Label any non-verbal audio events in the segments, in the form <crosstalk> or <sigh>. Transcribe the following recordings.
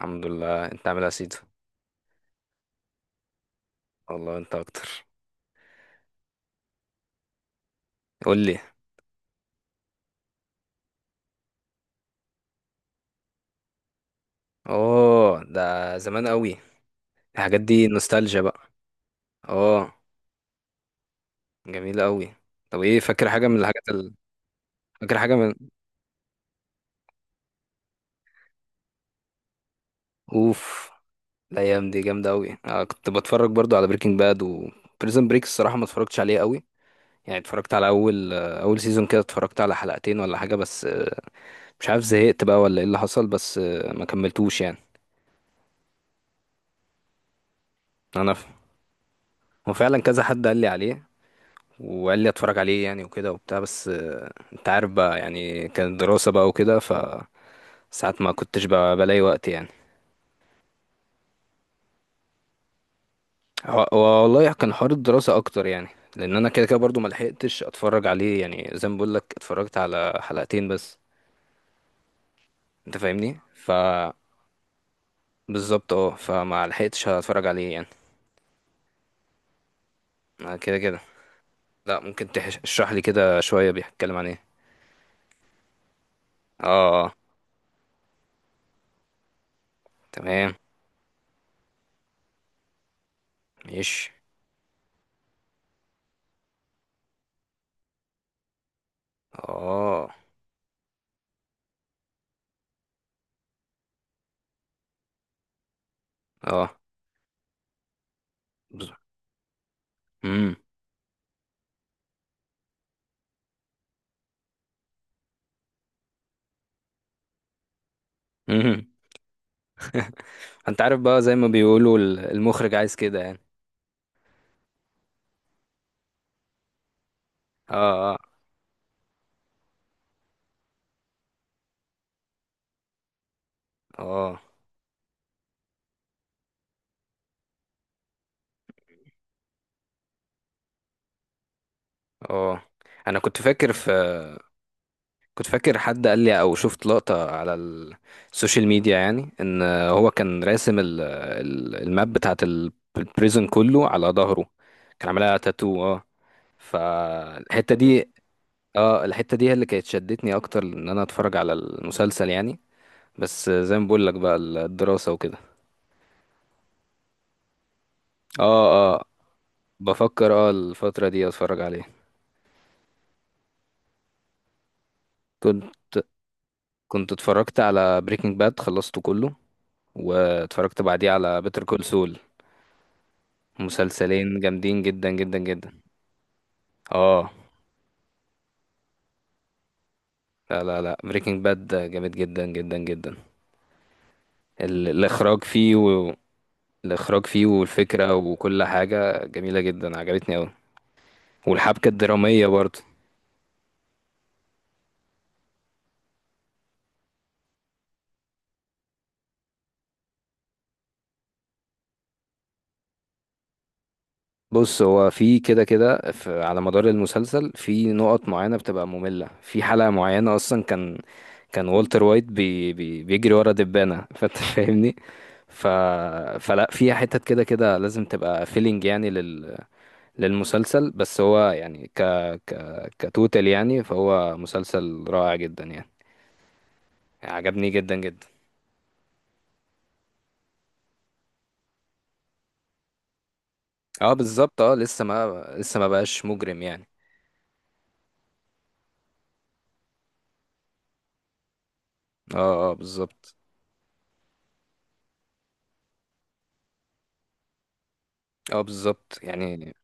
الحمد لله، انت عامل ايه يا سيدو؟ والله انت اكتر. قول لي. اوه ده زمان قوي. الحاجات دي نوستالجيا بقى. اه جميله قوي. طب ايه فاكر حاجه من فاكر حاجه من اوف الايام دي جامده قوي. انا كنت بتفرج برضو على بريكنج باد وبريزن بريك. الصراحه ما اتفرجتش عليه قوي يعني. اتفرجت على اول اول سيزون كده، اتفرجت على حلقتين ولا حاجه بس، مش عارف زهقت بقى ولا ايه اللي حصل، بس ما كملتوش يعني. انا ف... وفعلا كذا حد قال لي عليه وقال لي اتفرج عليه يعني وكده وبتاع، بس انت عارف بقى، يعني كانت دراسة بقى وكده، فساعات ما كنتش بقى بلاقي وقت يعني. هو والله كان حوار الدراسة اكتر يعني، لان انا كده كده برضو ما لحقتش اتفرج عليه يعني. زي ما بقول لك اتفرجت على حلقتين بس. انت فاهمني؟ ف بالظبط اه، فما لحقتش اتفرج عليه يعني. كده كده. لا ممكن تشرح لي كده شوية بيتكلم عن ايه؟ اه تمام. ماشي. اه اه. بز- مم. <laughs> انت عارف بقى، زي ما بيقولوا المخرج عايز كده يعني. اه اه. اه اه. انا كنت فاكر في كنت فاكر حد قال لي او شفت لقطة على السوشيال ميديا، يعني ان هو كان راسم الماب بتاعت البريزن كله على ظهره. كان عاملها تاتو اه. فالحتة دي اه، الحتة دي هي اللي كانت شدتني اكتر ان انا اتفرج على المسلسل يعني. بس زي ما بقول لك بقى الدراسة وكده. اه اه، بفكر اه الفترة دي اتفرج عليه. كنت كنت اتفرجت على بريكنج باد، خلصته كله، واتفرجت بعديه على بيتر كول سول. مسلسلين جامدين جدا جدا جدا. اه. لا لا لا، بريكنج باد جامد جدا جدا جدا. الاخراج فيه الاخراج فيه والفكرة وكل حاجة جميلة جدا، عجبتني اوي. والحبكة الدرامية برضه. بص هو في كده كده، على مدار المسلسل في نقط معينة بتبقى مملة. في حلقة معينة اصلا كان كان والتر وايت بي بيجري ورا دبانة <laughs> فانت فاهمني. ف... فلا فيها حتت كده كده لازم تبقى فيلينج، يعني للمسلسل، بس هو يعني ك... كتوتال يعني. فهو مسلسل رائع جدا يعني، عجبني جدا جدا. اه بالظبط، اه لسه ما لسه ما بقاش مجرم يعني. اه اه بالظبط. اه بالظبط يعني.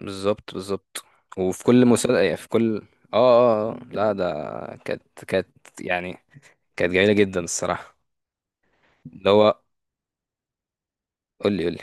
بالظبط بالظبط. وفي كل مسلسل في كل اه اه لا ده كانت يعني كانت جميلة جدا الصراحة. اللي هو قول لي قول لي.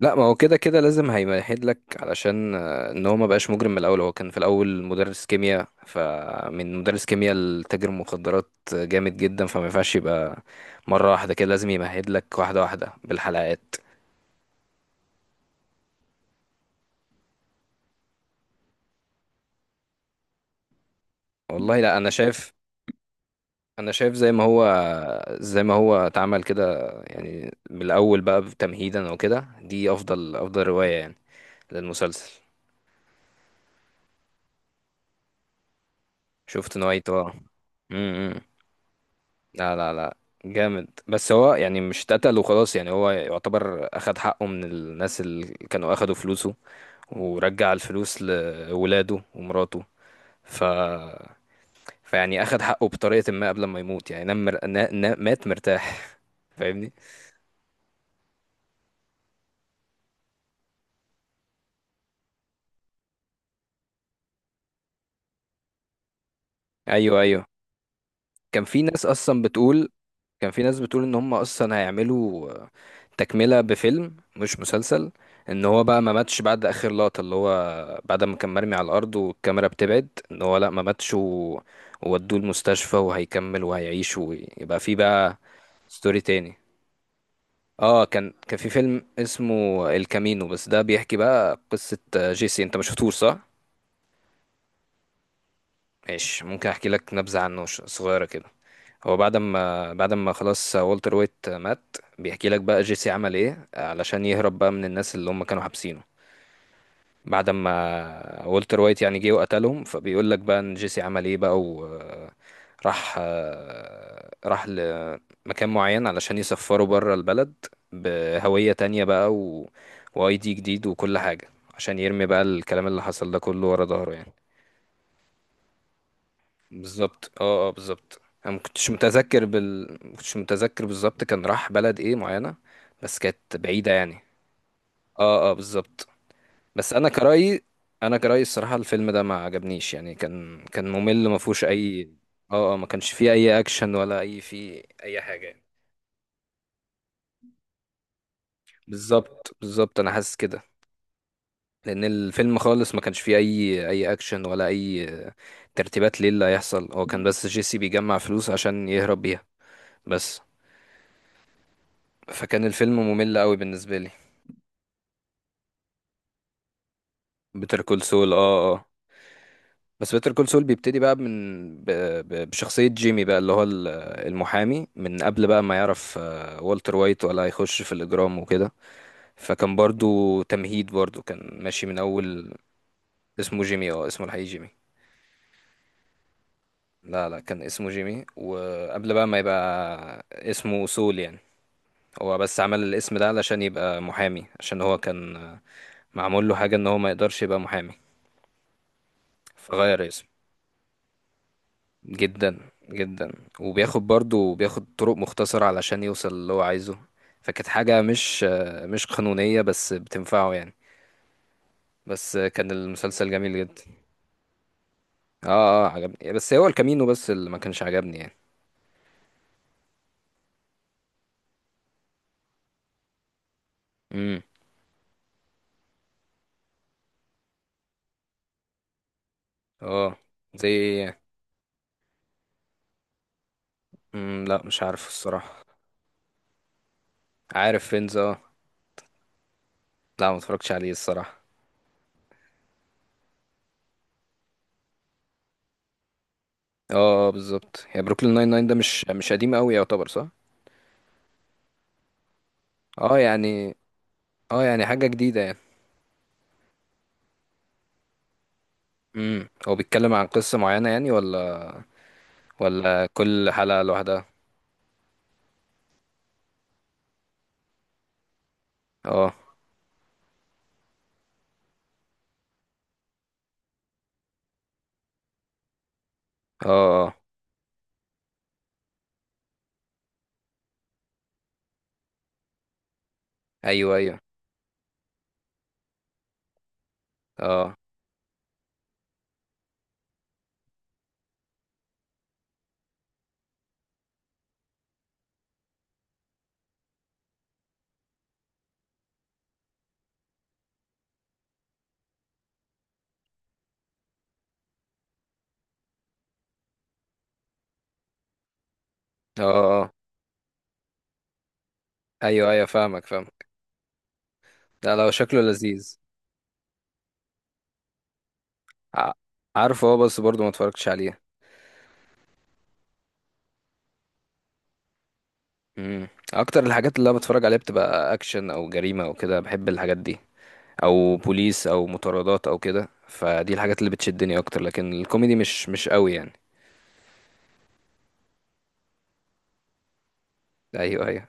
لا ما هو كده كده لازم هيمهد لك علشان ان هو ما بقاش مجرم من الاول. هو كان في الاول مدرس كيمياء، فمن مدرس كيمياء لتاجر مخدرات جامد جدا. فما ينفعش يبقى مره واحده كده، لازم يمهد لك واحده واحده بالحلقات. والله لا انا شايف انا شايف زي ما هو زي ما هو اتعمل كده يعني من الاول بقى تمهيدا وكده، دي افضل روايه يعني للمسلسل. شفت نوعيته. اه لا لا لا جامد. بس هو يعني مش اتقتل وخلاص يعني، هو يعتبر اخد حقه من الناس اللي كانوا اخدوا فلوسه، ورجع الفلوس لولاده ومراته. ف فيعني اخد حقه بطريقة ما قبل ما يموت يعني. نام مات مرتاح <laughs> فاهمني. ايوه ايوه. كان في ناس اصلا بتقول كان في ناس بتقول ان هم اصلا هيعملوا تكملة بفيلم مش مسلسل. ان هو بقى ما ماتش بعد اخر لقطة، اللي هو بعد ما كان مرمي على الارض والكاميرا بتبعد، ان هو لا ما ماتش وودوه المستشفى وهيكمل وهيعيش ويبقى في بقى ستوري تاني. اه كان كان في فيلم اسمه الكامينو، بس ده بيحكي بقى قصة جيسي. انت ما شفتوش صح؟ ماشي، ممكن احكي لك نبذة عنه صغيرة كده. هو بعد ما بعد ما خلاص والتر وايت مات، بيحكي لك بقى جيسي عمل ايه علشان يهرب بقى من الناس اللي هم كانوا حابسينه. بعد ما والتر وايت يعني جه وقتلهم، فبيقول لك بقى ان جيسي عمل ايه بقى. وراح <hesitation> راح لمكان معين علشان يسفره بره البلد بهوية تانية بقى واي دي جديد وكل حاجة، عشان يرمي بقى الكلام اللي حصل ده كله ورا ظهره يعني. بالظبط اه اه بالظبط. انا ما كنتش متذكر بالظبط كان راح بلد ايه معينة، بس كانت بعيدة يعني. اه اه بالظبط. بس انا كرأيي انا كرأيي الصراحة الفيلم ده ما عجبنيش يعني. كان كان ممل، ما فيهوش اي اه اه، ما كانش فيه اي اكشن ولا اي فيه اي حاجة يعني. بالظبط بالظبط انا حاسس كده، لان الفيلم خالص ما كانش فيه اي اي اكشن ولا اي ترتيبات ليه اللي هيحصل. هو كان بس جيسي بيجمع فلوس عشان يهرب بيها بس، فكان الفيلم ممل قوي بالنسبه لي. بيتر كول سول اه اه. بس بيتر كول سول بيبتدي بقى من بشخصيه جيمي بقى، اللي هو المحامي من قبل بقى ما يعرف والتر وايت ولا هيخش في الاجرام وكده. فكان برضو تمهيد برضو كان ماشي من اول. اسمه جيمي اه، اسمه الحقيقي جيمي. لا لا، كان اسمه جيمي وقبل بقى ما يبقى اسمه سول يعني. هو بس عمل الاسم ده علشان يبقى محامي، عشان هو كان معمول له حاجه ان هو ما يقدرش يبقى محامي، فغير اسمه. جدا جدا. وبياخد برضه بياخد طرق مختصرة علشان يوصل اللي هو عايزه، فكانت حاجة مش مش قانونية بس بتنفعه يعني. بس كان المسلسل جميل جدا. اه اه عجبني، بس هو الكامينو بس اللي ما كانش عجبني يعني. امم. اه. زي إيه؟ لا مش عارف الصراحة. عارف فينز اه. لا ما اتفرجتش عليه الصراحة. اه اه بالظبط، هي بروكلين ناين ناين ده مش مش قديم قوي يعتبر صح؟ اه يعني، اه يعني حاجة جديدة يعني. هو بيتكلم عن قصة معينة يعني، ولا ولا كل حلقة لوحدها؟ اه اه اه. ايوه ايوه. اه اه اه. ايوه ايوه فاهمك فاهمك. لا لو شكله لذيذ. ع- عارفه هو بس برضه ما اتفرجتش عليه. امم. اكتر الحاجات اللي انا بتفرج عليها بتبقى اكشن او جريمة او كده، بحب الحاجات دي، او بوليس او مطاردات او كده. فدي الحاجات اللي بتشدني اكتر، لكن الكوميدي مش مش قوي يعني. ايوه ايوه.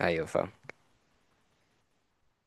ايوه فاهم.